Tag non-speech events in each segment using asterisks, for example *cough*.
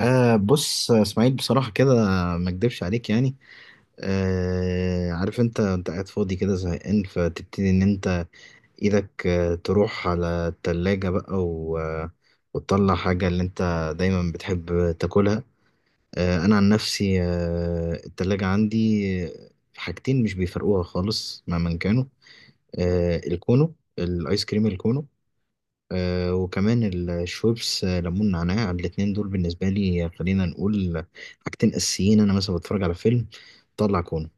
بص يا اسماعيل، بصراحة كده ما اكدبش عليك يعني. عارف انت قاعد فاضي كده زهقان، فتبتدي ان انت ايدك تروح على التلاجة بقى و... آه، وتطلع حاجة اللي انت دايما بتحب تاكلها. انا عن نفسي، التلاجة عندي آه، حاجتين مش بيفرقوها خالص مهما كانوا. الكونو، الايس كريم الكونو، وكمان الشويبس، ليمون نعناع. الاتنين دول بالنسبة لي خلينا نقول حاجتين أساسيين. أنا مثلا بتفرج على فيلم طلع كونه،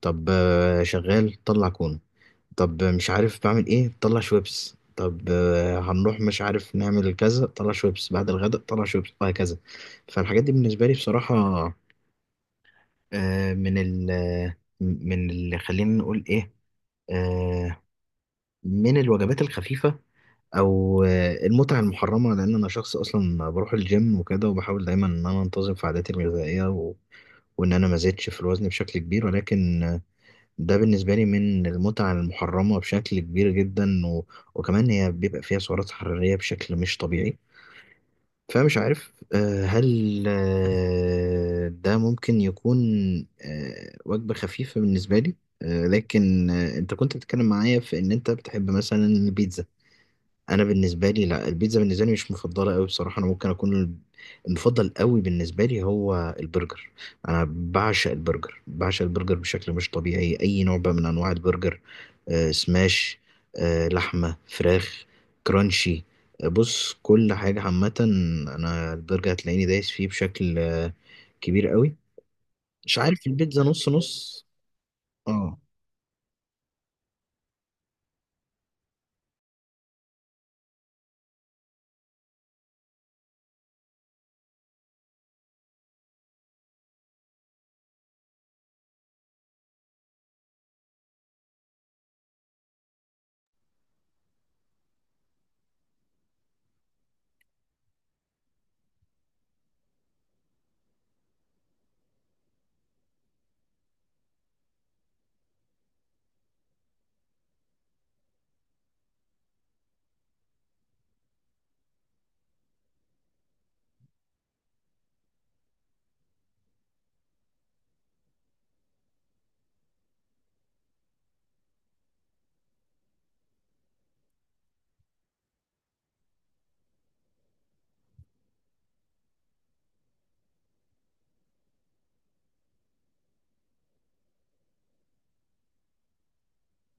طب شغال طلع كونه، طب مش عارف بعمل إيه طلع شويبس، طب هنروح مش عارف نعمل كذا طلع شويبس، بعد الغداء طلع شويبس، وهكذا. فالحاجات دي بالنسبة لي بصراحة آه، من ال آه، من اللي خلينا نقول إيه، آه، من الوجبات الخفيفة او المتعه المحرمه، لان انا شخص اصلا بروح الجيم وكده، وبحاول دايما ان انا انتظم في عاداتي الغذائيه وان انا ما زدتش في الوزن بشكل كبير، ولكن ده بالنسبه لي من المتعه المحرمه بشكل كبير جدا وكمان هي بيبقى فيها سعرات حراريه بشكل مش طبيعي. فمش عارف، هل ده ممكن يكون وجبه خفيفه بالنسبه لي. لكن انت كنت بتتكلم معايا في ان انت بتحب مثلا البيتزا. انا بالنسبه لي لا، البيتزا بالنسبه لي مش مفضله قوي بصراحه. انا ممكن اكون المفضل قوي بالنسبه لي هو البرجر. انا بعشق البرجر، بعشق البرجر بشكل مش طبيعي. اي نوع بقى من انواع البرجر، سماش، لحمه، فراخ، كرانشي. بص كل حاجه عامه، انا البرجر هتلاقيني دايس فيه بشكل كبير قوي. مش عارف، البيتزا نص نص. اه.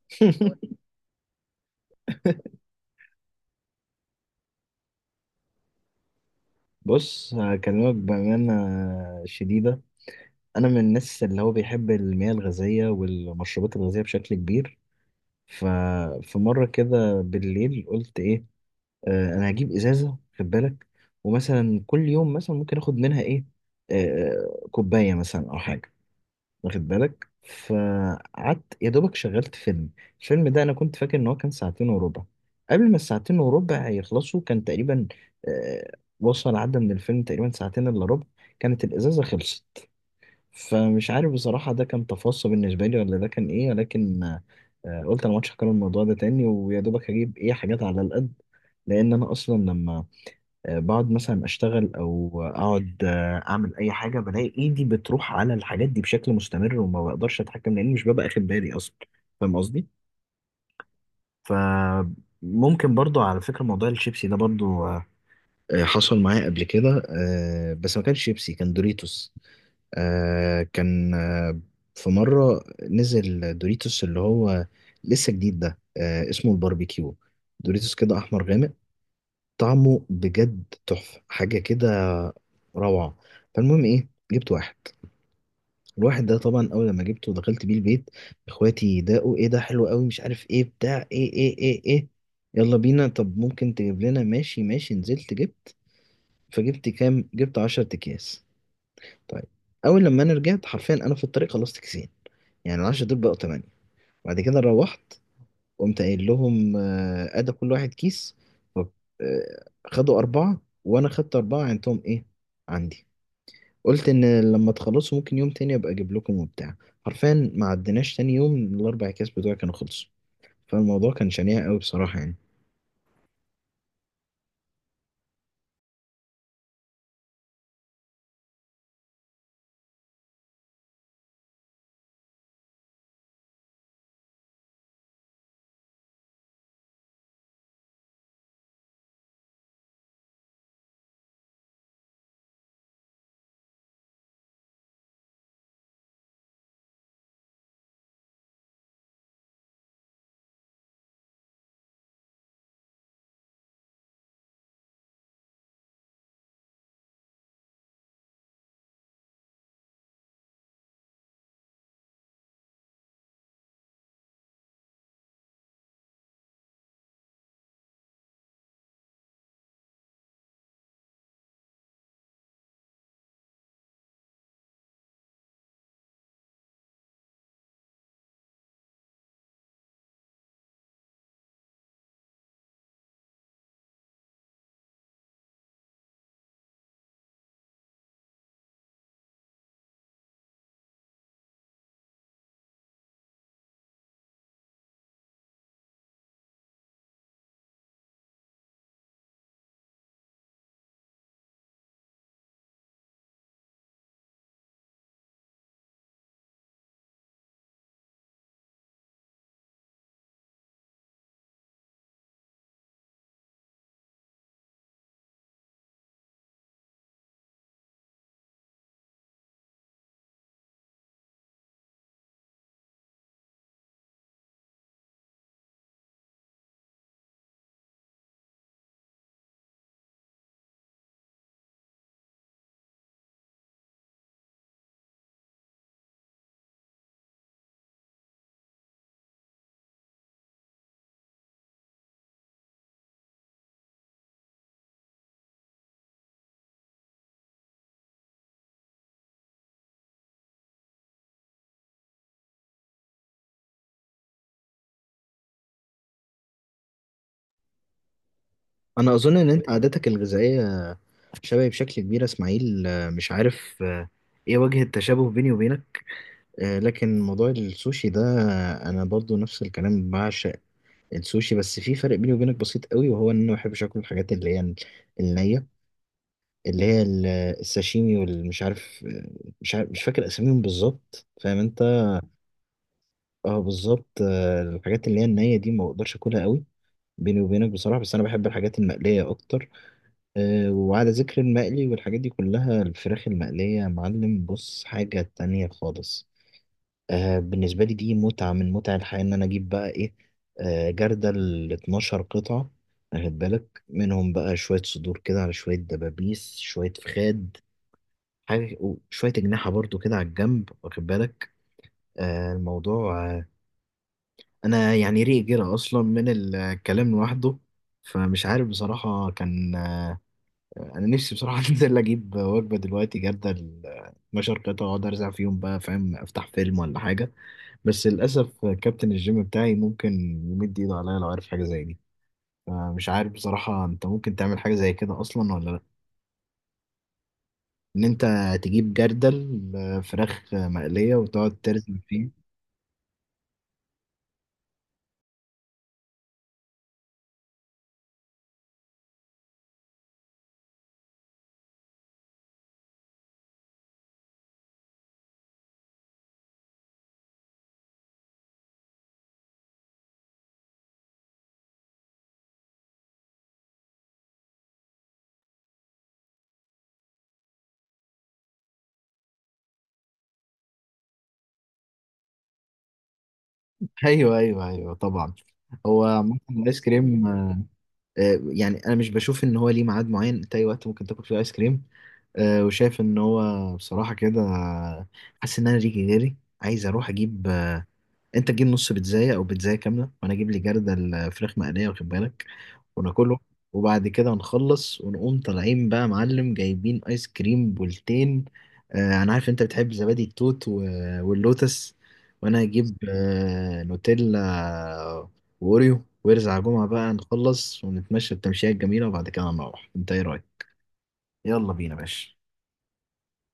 *laughs* بص هكلمك بامانه شديده. انا من الناس اللي هو بيحب المياه الغازيه والمشروبات الغازيه بشكل كبير. ففي مره كده بالليل قلت ايه، انا هجيب ازازه، خد بالك، ومثلا كل يوم مثلا ممكن اخد منها ايه، آه كوبايه مثلا او حاجه، واخد بالك. فقعدت يا دوبك شغلت فيلم. الفيلم ده انا كنت فاكر ان هو كان ساعتين وربع. قبل ما الساعتين وربع يخلصوا، كان تقريبا آه وصل، عدى من الفيلم تقريبا ساعتين الا ربع، كانت الازازه خلصت. فمش عارف بصراحة، ده كان تفصي بالنسبة لي ولا ده كان إيه، ولكن قلت أنا مش هكرر الموضوع ده تاني، ويا دوبك هجيب إيه حاجات على القد. لأن أنا أصلا لما بقعد مثلا أشتغل أو أقعد أعمل أي حاجة، بلاقي إيدي بتروح على الحاجات دي بشكل مستمر وما بقدرش أتحكم، لأني مش ببقى أخد بالي أصلا. فاهم قصدي؟ فممكن برضو على فكرة موضوع الشيبسي ده برضو حصل معايا قبل كده، بس ما كانش شيبسي، كان دوريتوس. آه كان آه في مرة نزل دوريتوس اللي هو لسه جديد ده، اسمه الباربيكيو، دوريتوس كده أحمر غامق. طعمه بجد تحفة، حاجة كده روعة. فالمهم إيه، جبت واحد. الواحد ده طبعا أول لما جبته ودخلت بيه البيت، إخواتي داقوا إيه ده حلو قوي، مش عارف إيه بتاع إيه إيه إيه إيه. يلا بينا، طب ممكن تجيب لنا، ماشي ماشي. نزلت جبت. فجبت كام؟ جبت 10 أكياس. طيب، أول لما أنا رجعت حرفيا أنا في الطريق خلصت كيسين. يعني العشرة دول بقوا تمانية. بعد كده روحت، قمت قايل لهم أدى كل واحد كيس. ف- خدوا أربعة وأنا خدت أربعة. عندهم إيه؟ عندي. قلت إن لما تخلصوا ممكن يوم تاني أبقى أجيب لكم وبتاع. حرفيا ما عدناش تاني يوم، ال4 أكياس بتوعي كانوا خلصوا. فالموضوع كان شنيع أوي بصراحة يعني. أنا أظن إن أنت عاداتك الغذائية شبهي بشكل كبير يا إسماعيل، مش عارف إيه وجه التشابه بيني وبينك. لكن موضوع السوشي ده، أنا برضو نفس الكلام، بعشق السوشي. بس في فرق بيني وبينك بسيط قوي، وهو ان انا ما بحبش اكل الحاجات اللي هي النيه، اللي هي الساشيمي والمش عارف، مش عارف مش فاكر اساميهم بالظبط، فاهم انت. اه بالظبط. الحاجات اللي هي النيه دي ما بقدرش اكلها قوي بيني وبينك بصراحه. بس انا بحب الحاجات المقليه اكتر. وعلى ذكر المقلي والحاجات دي كلها، الفراخ المقليه يا معلم بص حاجه تانية خالص. بالنسبة لي دي متعة من متع الحياة. إن أنا أجيب بقى إيه، جردل ال 12 قطعة، واخد بالك. منهم بقى شوية صدور كده، على شوية دبابيس، شوية فخاد حاجة، وشوية أجنحة برضو كده على الجنب، واخد بالك. آه الموضوع آه أنا يعني ريق جرى أصلا من الكلام لوحده. فمش عارف بصراحة كان أنا نفسي بصراحة *laughs* أنزل أجيب وجبة دلوقتي، جردل 12 قطعة، وأقعد أرزع فيهم بقى، فاهم، أفتح فيلم ولا حاجة. بس للأسف كابتن الجيم بتاعي ممكن يمد إيده عليا لو عارف حاجة زي دي. فمش عارف بصراحة أنت ممكن تعمل حاجة زي كده أصلا ولا لأ؟ إن أنت تجيب جردل فراخ مقلية، وتقعد ترسم فيه. *laughs* أيوه أيوه أيوه طبعا. هو ممكن الآيس كريم يعني أنا مش بشوف إن هو ليه ميعاد معين. أنت أي وقت ممكن تاكل فيه آيس كريم. وشايف إن هو بصراحة كده حاسس إن أنا ريجي غيري. عايز أروح أجيب أنت تجيب نص بيتزاية أو بيتزاية كاملة، وأنا أجيب لي جردل فراخ مقلية، واخد بالك وناكله. وبعد كده نخلص ونقوم طالعين بقى معلم جايبين ايس كريم بولتين. انا عارف انت بتحب زبادي التوت واللوتس، وانا هجيب نوتيلا واوريو، وارزع جمعة بقى، نخلص ونتمشى التمشية الجميلة، وبعد كده نروح. انت ايه رايك؟ يلا بينا يا باشا.